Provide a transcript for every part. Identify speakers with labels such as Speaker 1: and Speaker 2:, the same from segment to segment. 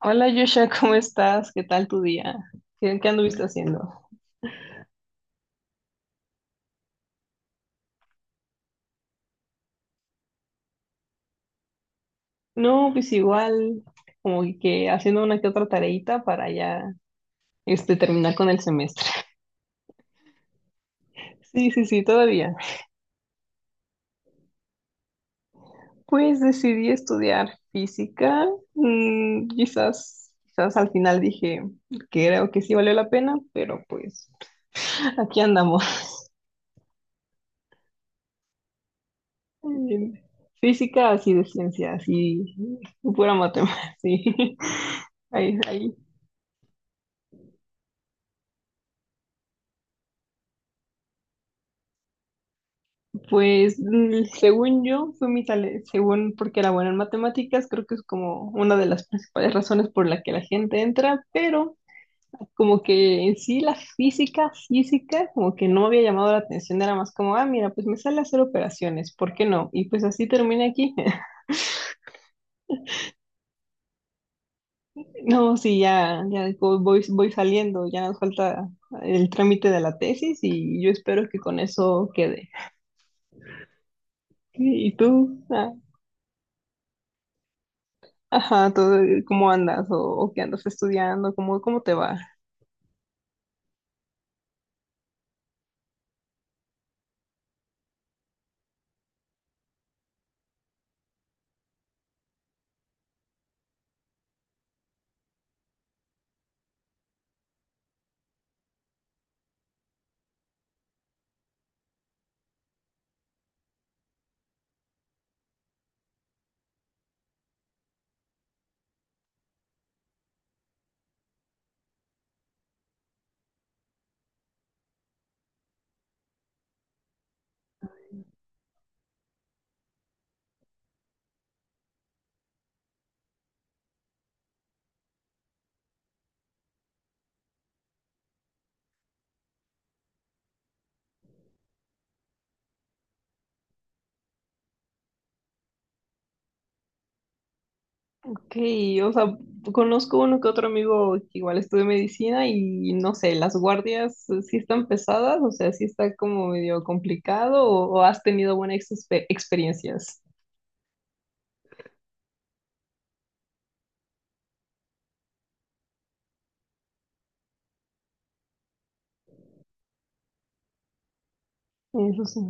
Speaker 1: Hola, Joshua, ¿cómo estás? ¿Qué tal tu día? ¿Qué anduviste haciendo? No, pues igual, como que haciendo una que otra tareita para ya terminar con el semestre. Sí, sí, sí, todavía. Pues decidí estudiar física. Quizás al final dije que creo que sí valió la pena, pero pues aquí andamos. Mm, Física así de ciencia, así pura matemática, sí. Ahí, ahí. Pues según yo, fue según porque era buena en matemáticas, creo que es como una de las principales razones por la que la gente entra, pero como que en sí la física, como que no me había llamado la atención, era más como, ah, mira, pues me sale hacer operaciones, ¿por qué no? Y pues así terminé aquí. No, sí, ya voy, voy saliendo, ya nos falta el trámite de la tesis y yo espero que con eso quede. ¿Y tú? Ah, ajá, todo, ¿cómo andas? ¿O qué andas estudiando? ¿Cómo te va? Ok, o sea, conozco uno que otro amigo que igual estudia medicina y no sé, las guardias sí están pesadas, o sea, sí está como medio complicado o has tenido buenas experiencias. Eso sí.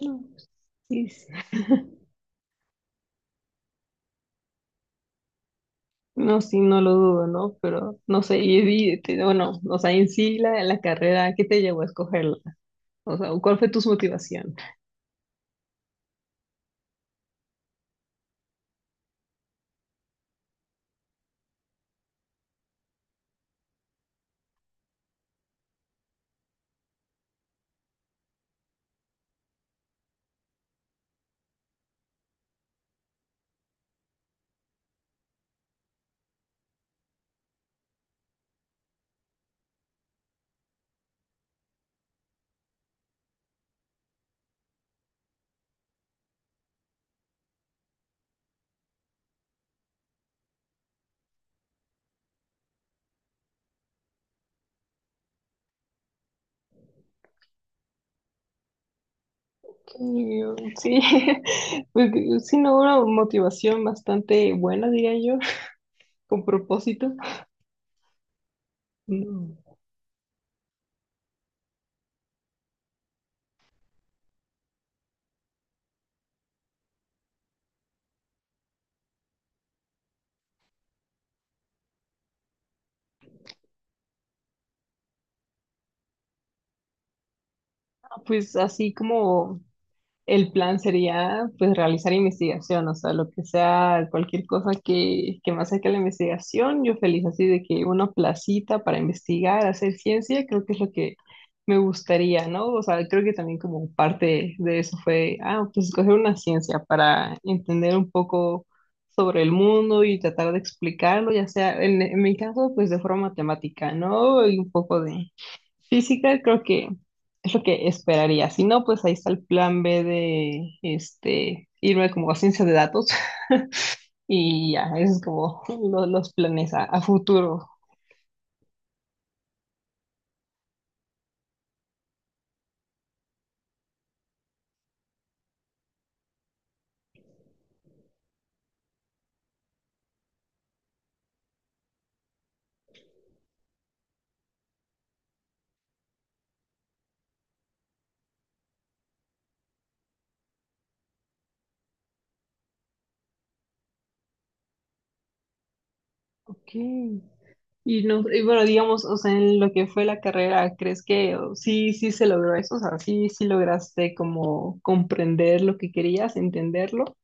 Speaker 1: No, sí, sí. No, sí, no lo dudo, ¿no? Pero no sé, bueno, o sea, en sí la carrera, ¿qué te llevó a escogerla? O sea, ¿cuál fue tu motivación? Sí, pues sí, no, una motivación bastante buena, diría yo, con propósito. Mm. Ah, pues así como el plan sería pues realizar investigación, o sea, lo que sea, cualquier cosa que me acerque a la investigación, yo feliz así de que una placita para investigar, hacer ciencia, creo que es lo que me gustaría, ¿no? O sea, creo que también como parte de eso fue, ah, pues escoger una ciencia para entender un poco sobre el mundo y tratar de explicarlo, ya sea en mi caso, pues de forma matemática, ¿no? Y un poco de, física creo que es lo que esperaría. Si no, pues ahí está el plan B de irme como a ciencia de datos y ya, esos es como los planes a futuro. Ok. Y no, y bueno, digamos, o sea, en lo que fue la carrera, ¿crees que o, sí, sí se logró eso? O sea, sí, sí lograste como comprender lo que querías, entenderlo.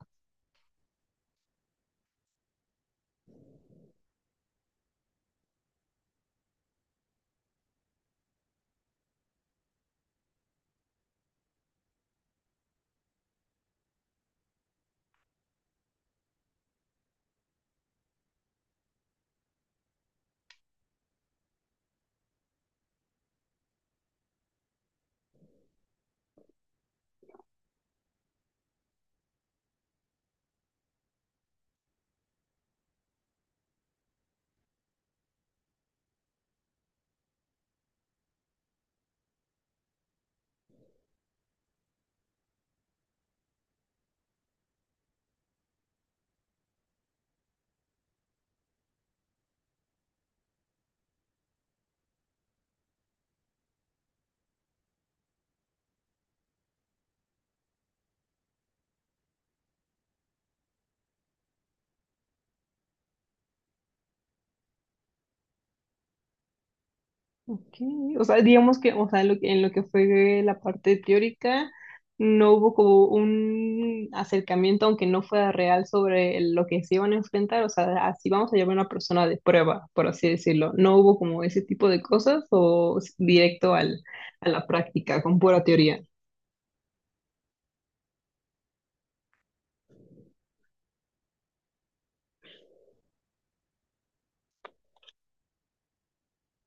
Speaker 1: Ok, o sea, digamos que, o sea, en lo que fue la parte teórica, no hubo como un acercamiento, aunque no fuera real, sobre lo que se iban a enfrentar. O sea, así vamos a llamar a una persona de prueba, por así decirlo. No hubo como ese tipo de cosas directo al, a la práctica, con pura teoría.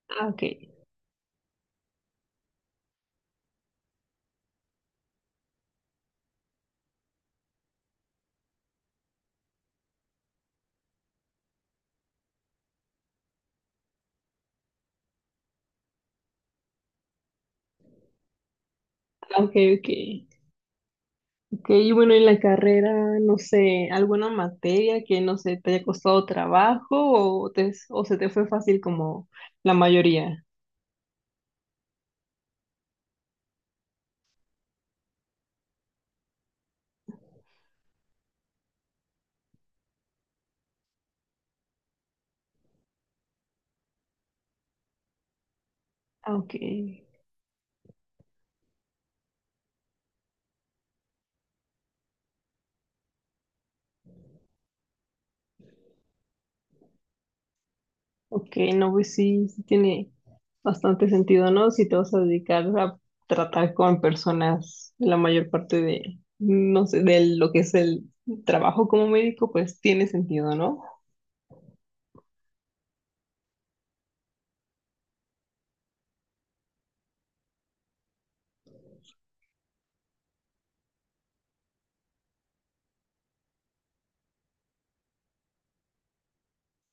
Speaker 1: Ah, ok, ah, ok, ok. Ok, y bueno, en la carrera, no sé, alguna materia que, no sé, te haya costado trabajo o se te fue fácil como la mayoría. Ah, ok, ok, no, pues sí, sí tiene bastante sentido, ¿no? Si te vas a dedicar a tratar con personas la mayor parte de, no sé, de lo que es el trabajo como médico, pues tiene sentido, ¿no?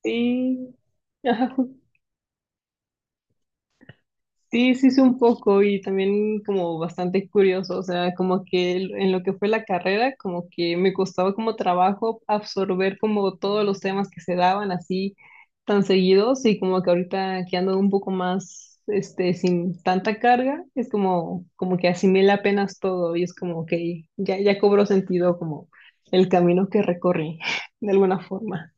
Speaker 1: Sí, ajá, sí, sí, sí, un poco y también como bastante curioso, o sea, como que en lo que fue la carrera, como que me costaba como trabajo absorber como todos los temas que se daban así tan seguidos y como que ahorita que ando un poco más, sin tanta carga, es como, como que asimila apenas todo y es como que ya, ya cobró sentido como el camino que recorrí de alguna forma.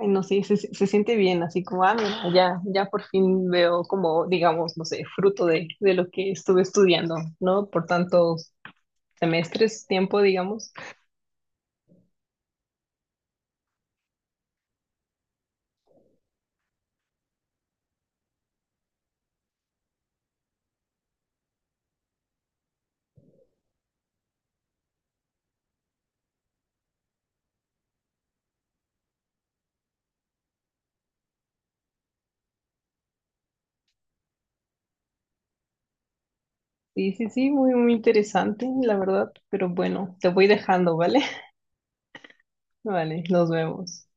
Speaker 1: Ay, no, sí, se siente bien, así como, ah, mira, ya, ya por fin veo como, digamos, no sé, fruto de lo que estuve estudiando, ¿no? Por tantos semestres, tiempo, digamos. Sí, sí, sí, muy, muy interesante, la verdad, pero bueno, te voy dejando, ¿vale? Vale, nos vemos.